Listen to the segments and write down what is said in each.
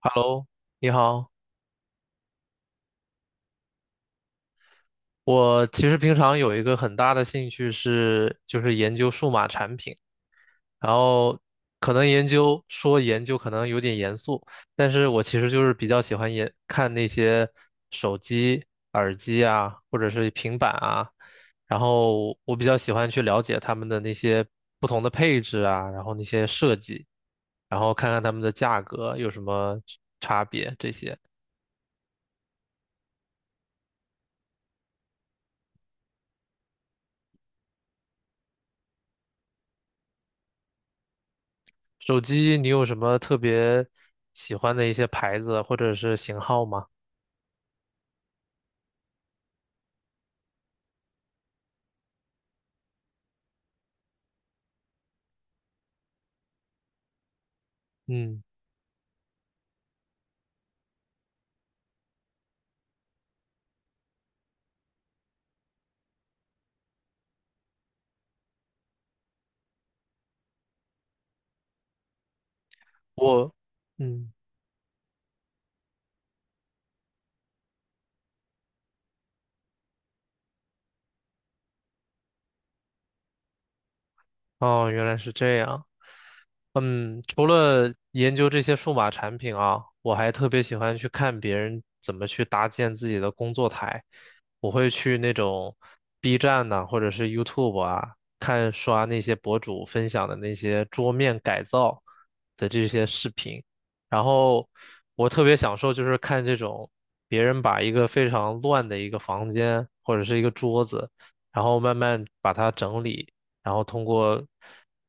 Hello，你好。我其实平常有一个很大的兴趣是，就是研究数码产品，然后可能研究可能有点严肃，但是我其实就是比较喜欢研看那些手机、耳机啊，或者是平板啊，然后我比较喜欢去了解他们的那些不同的配置啊，然后那些设计，然后看看他们的价格有什么差别这些。手机你有什么特别喜欢的一些牌子或者是型号吗？嗯，我，嗯，哦，原来是这样。嗯，除了研究这些数码产品啊，我还特别喜欢去看别人怎么去搭建自己的工作台。我会去那种 B 站呐、或者是 YouTube 啊，看刷那些博主分享的那些桌面改造的这些视频。然后我特别享受就是看这种别人把一个非常乱的一个房间或者是一个桌子，然后慢慢把它整理。然后通过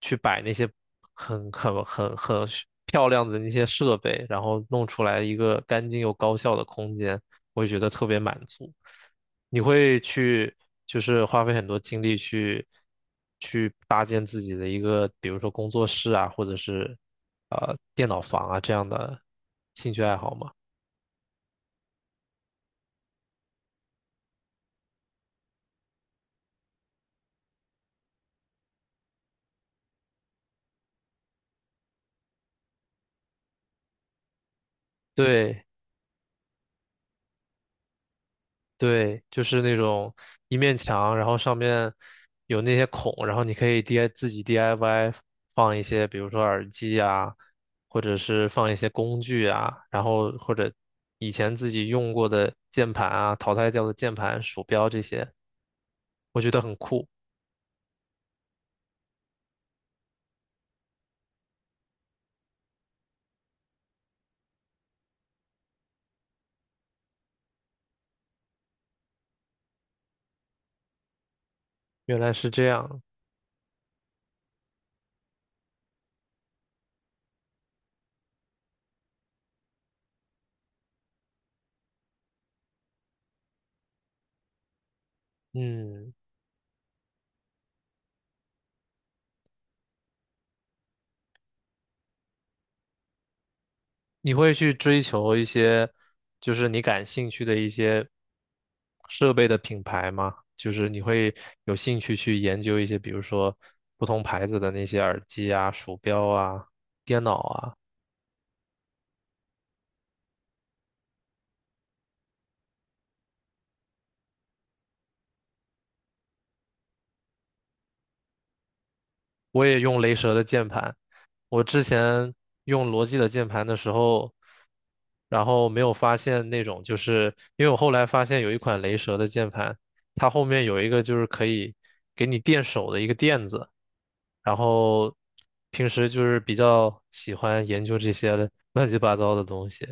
去摆那些很是漂亮的那些设备，然后弄出来一个干净又高效的空间，我就觉得特别满足。你会去就是花费很多精力去搭建自己的一个，比如说工作室啊，或者是电脑房啊这样的兴趣爱好吗？对。对，就是那种一面墙，然后上面有那些孔，然后你可以 DI 自己 DIY 放一些，比如说耳机啊，或者是放一些工具啊，然后或者以前自己用过的键盘啊，淘汰掉的键盘、鼠标这些，我觉得很酷。原来是这样，嗯。你会去追求一些，就是你感兴趣的一些设备的品牌吗？就是你会有兴趣去研究一些，比如说不同牌子的那些耳机啊、鼠标啊、电脑啊。我也用雷蛇的键盘。我之前用罗技的键盘的时候，然后没有发现那种，就是因为我后来发现有一款雷蛇的键盘，它后面有一个就是可以给你垫手的一个垫子。然后平时就是比较喜欢研究这些乱七八糟的东西。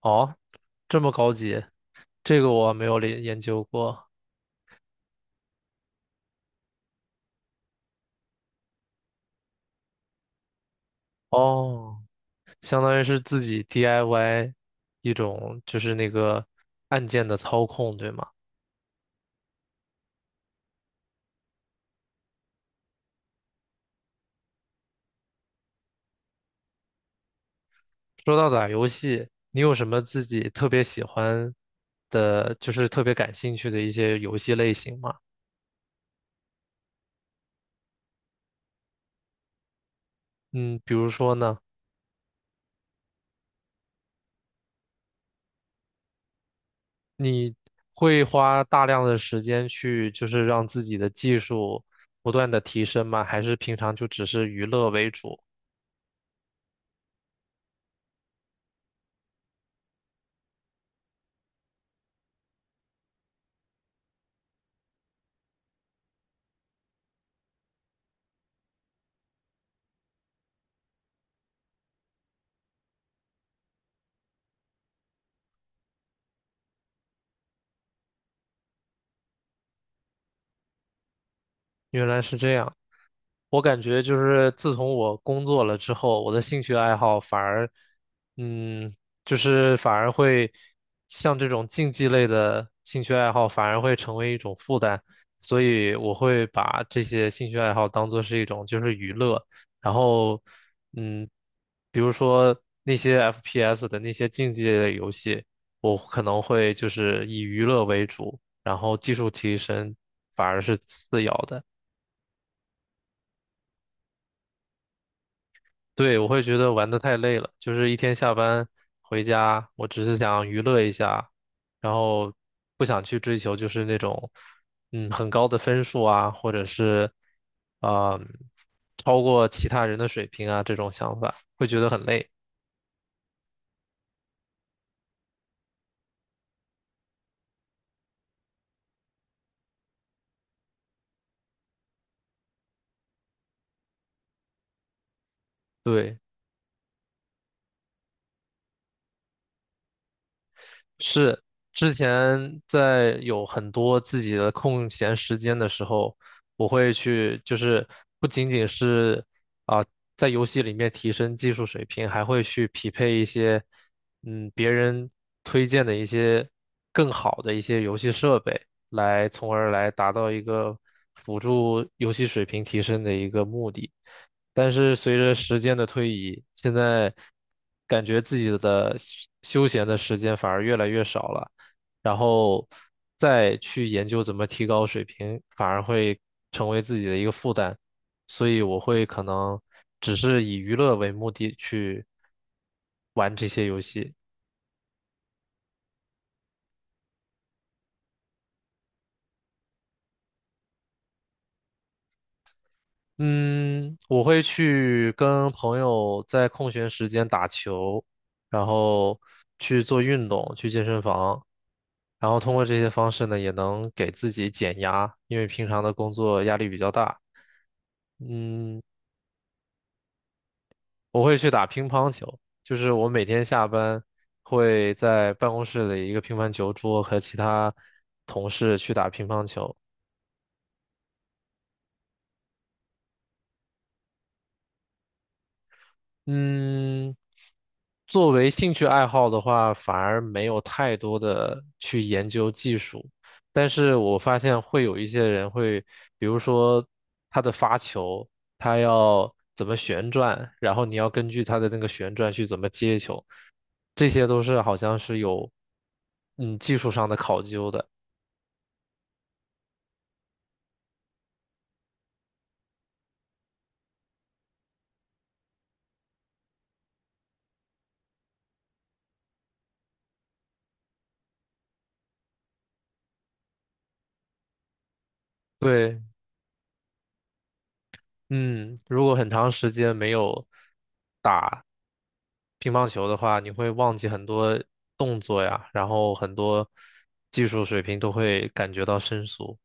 哦，这么高级，这个我没有了研究过。哦。相当于是自己 DIY 一种就是那个按键的操控，对吗？说到打游戏，你有什么自己特别喜欢的，就是特别感兴趣的一些游戏类型吗？嗯，比如说呢，你会花大量的时间去就是让自己的技术不断的提升吗？还是平常就只是娱乐为主？原来是这样。我感觉就是自从我工作了之后，我的兴趣爱好反而，嗯，就是反而会像这种竞技类的兴趣爱好，反而会成为一种负担，所以我会把这些兴趣爱好当做是一种就是娱乐，然后，嗯，比如说那些 FPS 的那些竞技类的游戏，我可能会就是以娱乐为主，然后技术提升反而是次要的。对，我会觉得玩的太累了，就是一天下班回家，我只是想娱乐一下，然后不想去追求就是那种，很高的分数啊，或者是，啊、超过其他人的水平啊这种想法，会觉得很累。对。是之前在有很多自己的空闲时间的时候，我会去，就是不仅仅是啊、在游戏里面提升技术水平，还会去匹配一些别人推荐的一些更好的一些游戏设备，从而来达到一个辅助游戏水平提升的一个目的。但是随着时间的推移，现在感觉自己的休闲的时间反而越来越少了，然后再去研究怎么提高水平，反而会成为自己的一个负担，所以我会可能只是以娱乐为目的去玩这些游戏。嗯，我会去跟朋友在空闲时间打球，然后去做运动，去健身房，然后通过这些方式呢，也能给自己减压，因为平常的工作压力比较大。嗯，我会去打乒乓球，就是我每天下班会在办公室的一个乒乓球桌和其他同事去打乒乓球。嗯，作为兴趣爱好的话，反而没有太多的去研究技术，但是我发现会有一些人会，比如说他的发球，他要怎么旋转，然后你要根据他的那个旋转去怎么接球，这些都是好像是有技术上的考究的。对，嗯，如果很长时间没有打乒乓球的话，你会忘记很多动作呀，然后很多技术水平都会感觉到生疏。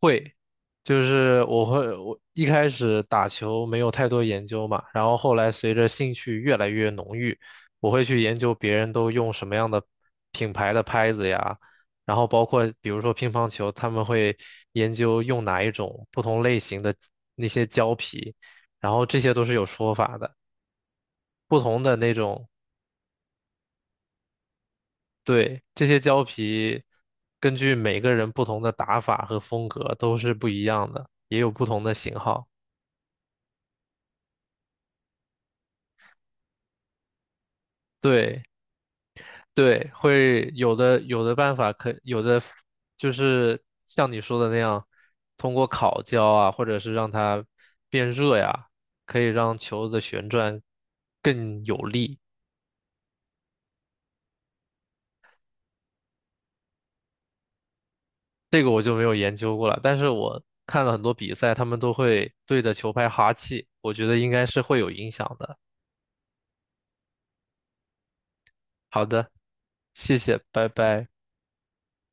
会，就是我会，我一开始打球没有太多研究嘛，然后后来随着兴趣越来越浓郁，我会去研究别人都用什么样的品牌的拍子呀，然后包括比如说乒乓球，他们会研究用哪一种不同类型的那些胶皮，然后这些都是有说法的。不同的那种对，这些胶皮根据每个人不同的打法和风格都是不一样的，也有不同的型号。对对，会有的办法可有的就是像你说的那样，通过烤胶啊，或者是让它变热呀，可以让球的旋转更有力。这个我就没有研究过了，但是我看了很多比赛，他们都会对着球拍哈气，我觉得应该是会有影响的。好的，谢谢，拜拜。